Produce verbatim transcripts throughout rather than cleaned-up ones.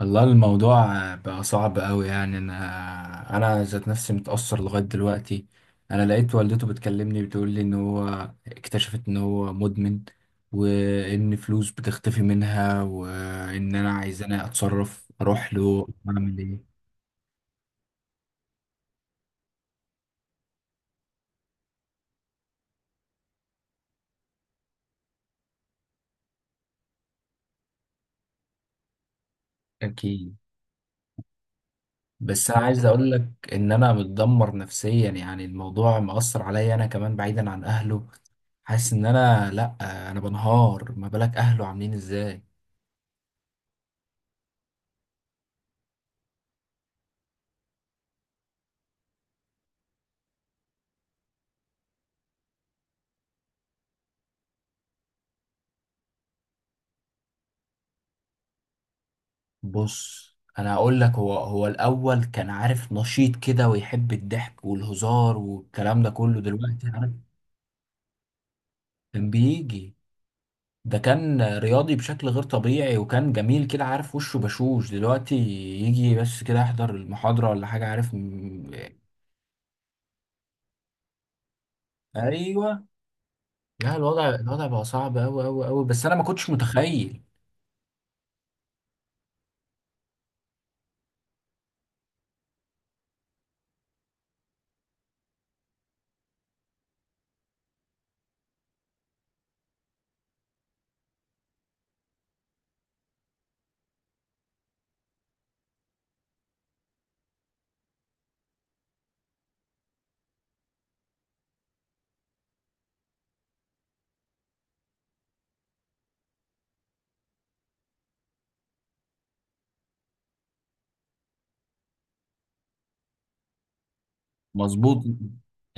والله الموضوع بقى صعب قوي، يعني انا انا ذات نفسي متأثر لغاية دلوقتي. انا لقيت والدته بتكلمني بتقول لي ان هو اكتشفت ان هو مدمن، وان فلوس بتختفي منها، وان انا عايز انا اتصرف اروح له اعمل ايه؟ اكيد. بس انا عايز اقول لك ان انا متدمر نفسيا، يعني الموضوع مأثر عليا انا كمان بعيدا عن اهله. حاسس ان انا لا، انا بنهار، ما بالك اهله عاملين ازاي. بص، انا هقول لك، هو هو الاول كان، عارف، نشيط كده ويحب الضحك والهزار والكلام ده كله، دلوقتي، عارف، كان بيجي. ده كان رياضي بشكل غير طبيعي، وكان جميل كده، عارف، وشه بشوش. دلوقتي يجي بس كده يحضر المحاضرة ولا حاجة، عارف، م- ايوه. لا، الوضع، الوضع بقى صعب قوي قوي قوي، بس انا ما كنتش متخيل. مظبوط.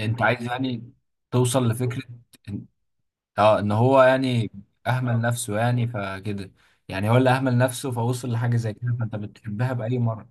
انت عايز، يعني، توصل لفكرة اه ان هو، يعني، اهمل اه نفسه، يعني، فكده. يعني هو اللي اهمل نفسه فوصل لحاجه زي كده، فانت بتحبها باي مره.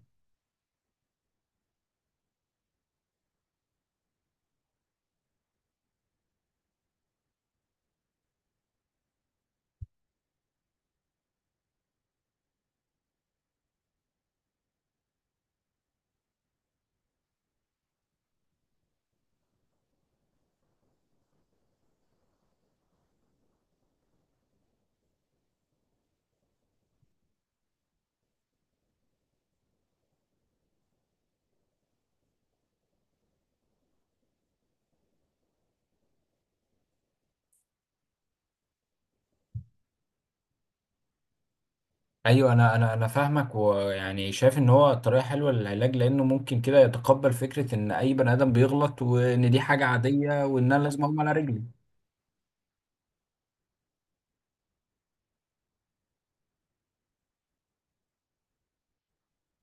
ايوه، انا انا انا فاهمك، ويعني شايف ان هو طريقه حلوه للعلاج، لانه ممكن كده يتقبل فكره ان اي بني ادم بيغلط، وان دي حاجه عاديه، وان انا لازم اقوم على رجلي.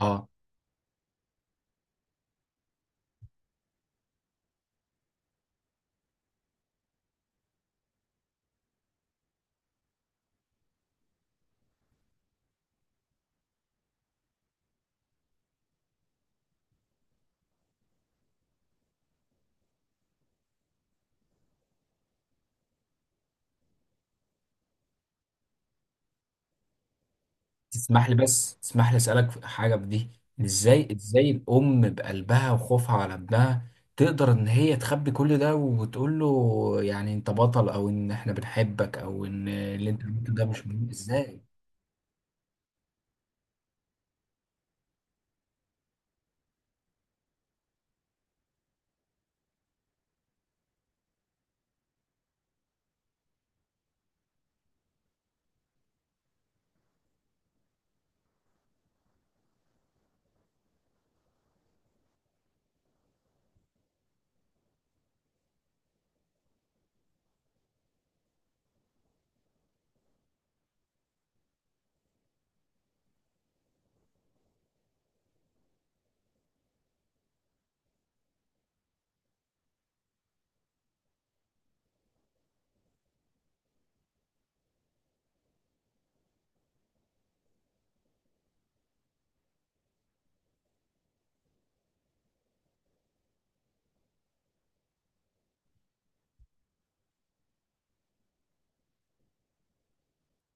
اه. تسمح لي بس، تسمح لي اسالك في حاجه في دي. ازاي ازاي الام بقلبها وخوفها على ابنها تقدر ان هي تخبي كل ده وتقول له، يعني، انت بطل، او ان احنا بنحبك، او ان اللي انت عملته ده مش مهم؟ ازاي؟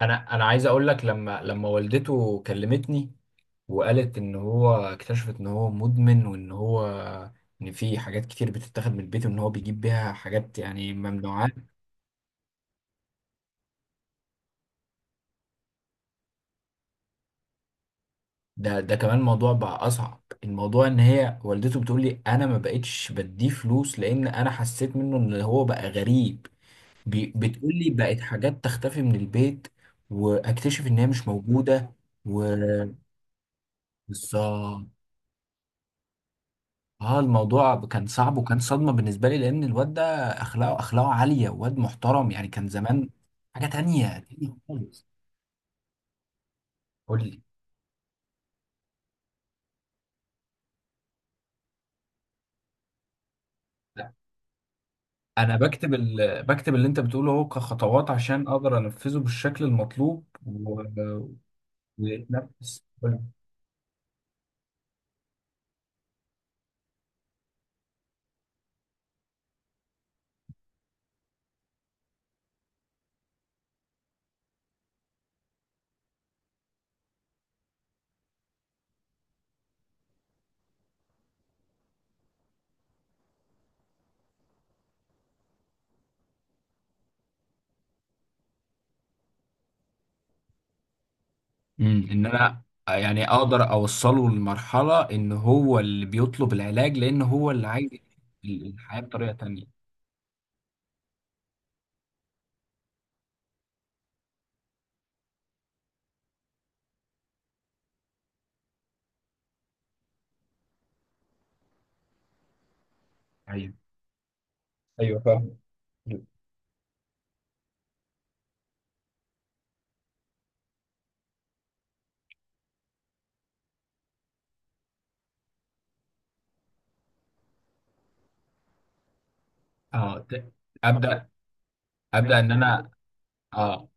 انا انا عايز اقول لك، لما لما والدته كلمتني وقالت ان هو اكتشفت ان هو مدمن، وان هو ان في حاجات كتير بتتاخد من البيت، وان هو بيجيب بيها حاجات، يعني، ممنوعه. ده ده كمان الموضوع بقى اصعب. الموضوع ان هي والدته بتقول لي انا ما بقتش بديه فلوس، لان انا حسيت منه ان هو بقى غريب. بي- بتقول لي بقت حاجات تختفي من البيت، واكتشف ان هي مش موجوده. وبالظبط. اه، الموضوع كان صعب، وكان صدمه بالنسبه لي، لان الواد ده اخلاقه اخلاقه عاليه، واد محترم، يعني كان زمان حاجه تانية تانية خالص. قول لي. انا بكتب ال... بكتب اللي انت بتقوله اهو كخطوات عشان اقدر انفذه بالشكل المطلوب، و... ويتنفذ. امم، ان انا، يعني، اقدر اوصله لمرحله ان هو اللي بيطلب العلاج، لان هو اللي عايز ال- الحياه بطريقه تانية. ايوه، ايوه، فاهم. اه ت- ابدا. ابدا ان انا اه.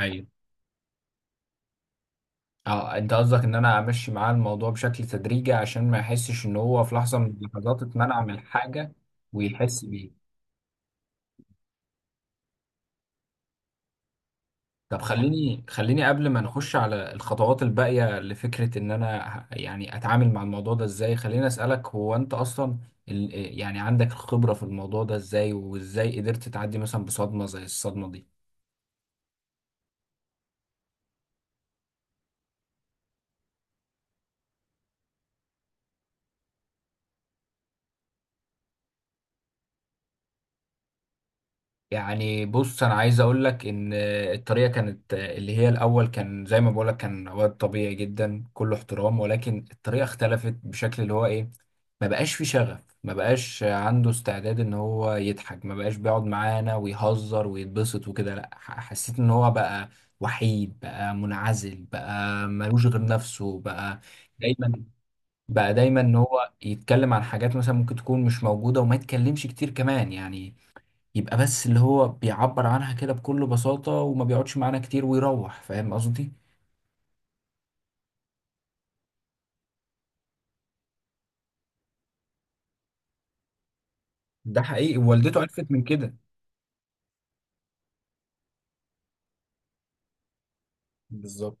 ايوه. اه، انت قصدك ان انا امشي معاه الموضوع بشكل تدريجي، عشان ما يحسش ان هو في لحظه من اللحظات اتمنع من حاجه ويحس بيه. طب، خليني خليني قبل ما نخش على الخطوات الباقية لفكرة إن أنا ه- يعني أتعامل مع الموضوع ده إزاي، خليني أسألك، هو أنت أصلا ال- يعني عندك الخبرة في الموضوع ده إزاي، وإزاي قدرت تعدي مثلا بصدمة زي الصدمة دي؟ يعني، بص، انا عايز اقول لك ان الطريقه كانت، اللي هي، الاول كان زي ما بقول لك، كان واد طبيعي جدا، كله احترام، ولكن الطريقه اختلفت بشكل اللي هو ايه، ما بقاش في شغف، ما بقاش عنده استعداد ان هو يضحك، ما بقاش بيقعد معانا ويهزر ويتبسط وكده. لا، ح- حسيت ان هو بقى وحيد، بقى منعزل، بقى ملوش غير نفسه. بقى دايما، بقى دايما ان هو يتكلم عن حاجات مثلا ممكن تكون مش موجوده، وما يتكلمش كتير كمان، يعني يبقى بس اللي هو بيعبر عنها كده بكل بساطة، وما بيقعدش معانا كتير ويروح. فاهم قصدي؟ ده حقيقي، والدته عرفت من كده. بالظبط.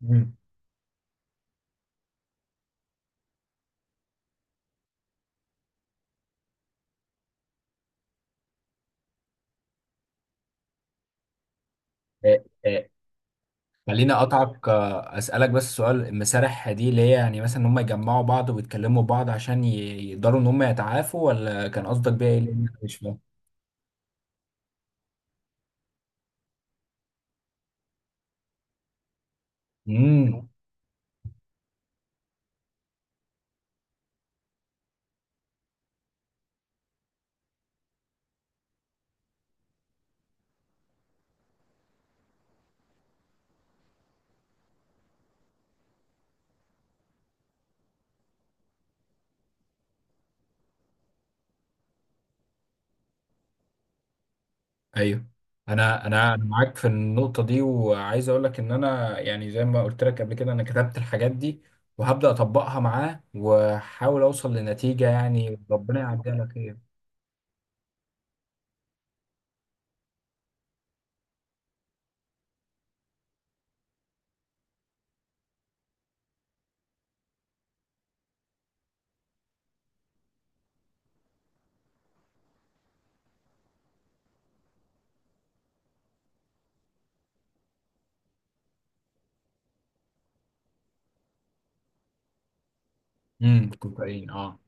مم. آه، آه، خليني اقطعك، آه، اسالك بس سؤال. المسارح دي اللي هي، يعني، مثلا ان هم يجمعوا بعض ويتكلموا بعض عشان ي- يقدروا ان هم يتعافوا، ولا كان قصدك بيها ايه؟ لأن أنا مش فاهم. امم. ايوه، انا انا أنا معاك في النقطه دي، وعايز اقول لك ان انا، يعني، زي ما قلت لك قبل كده، انا كتبت الحاجات دي، وهبدا اطبقها معاه، واحاول اوصل لنتيجه، يعني ربنا يعديها على خير. امم. كوكايين، اه.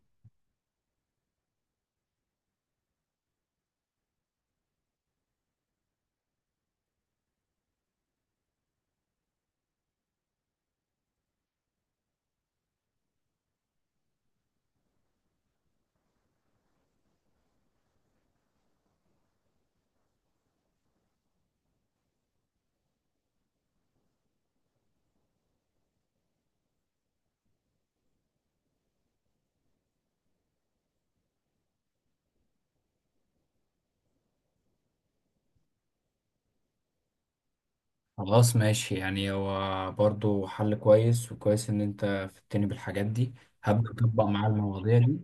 خلاص، ماشي. يعني هو برضه حل كويس، وكويس ان انت فدتني بالحاجات دي. هبدا اطبق معاه المواضيع دي.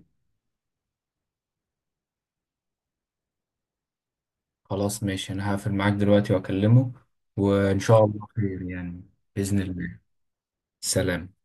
خلاص، ماشي، انا هقفل معاك دلوقتي واكلمه، وان شاء الله خير، يعني، باذن الله. سلام.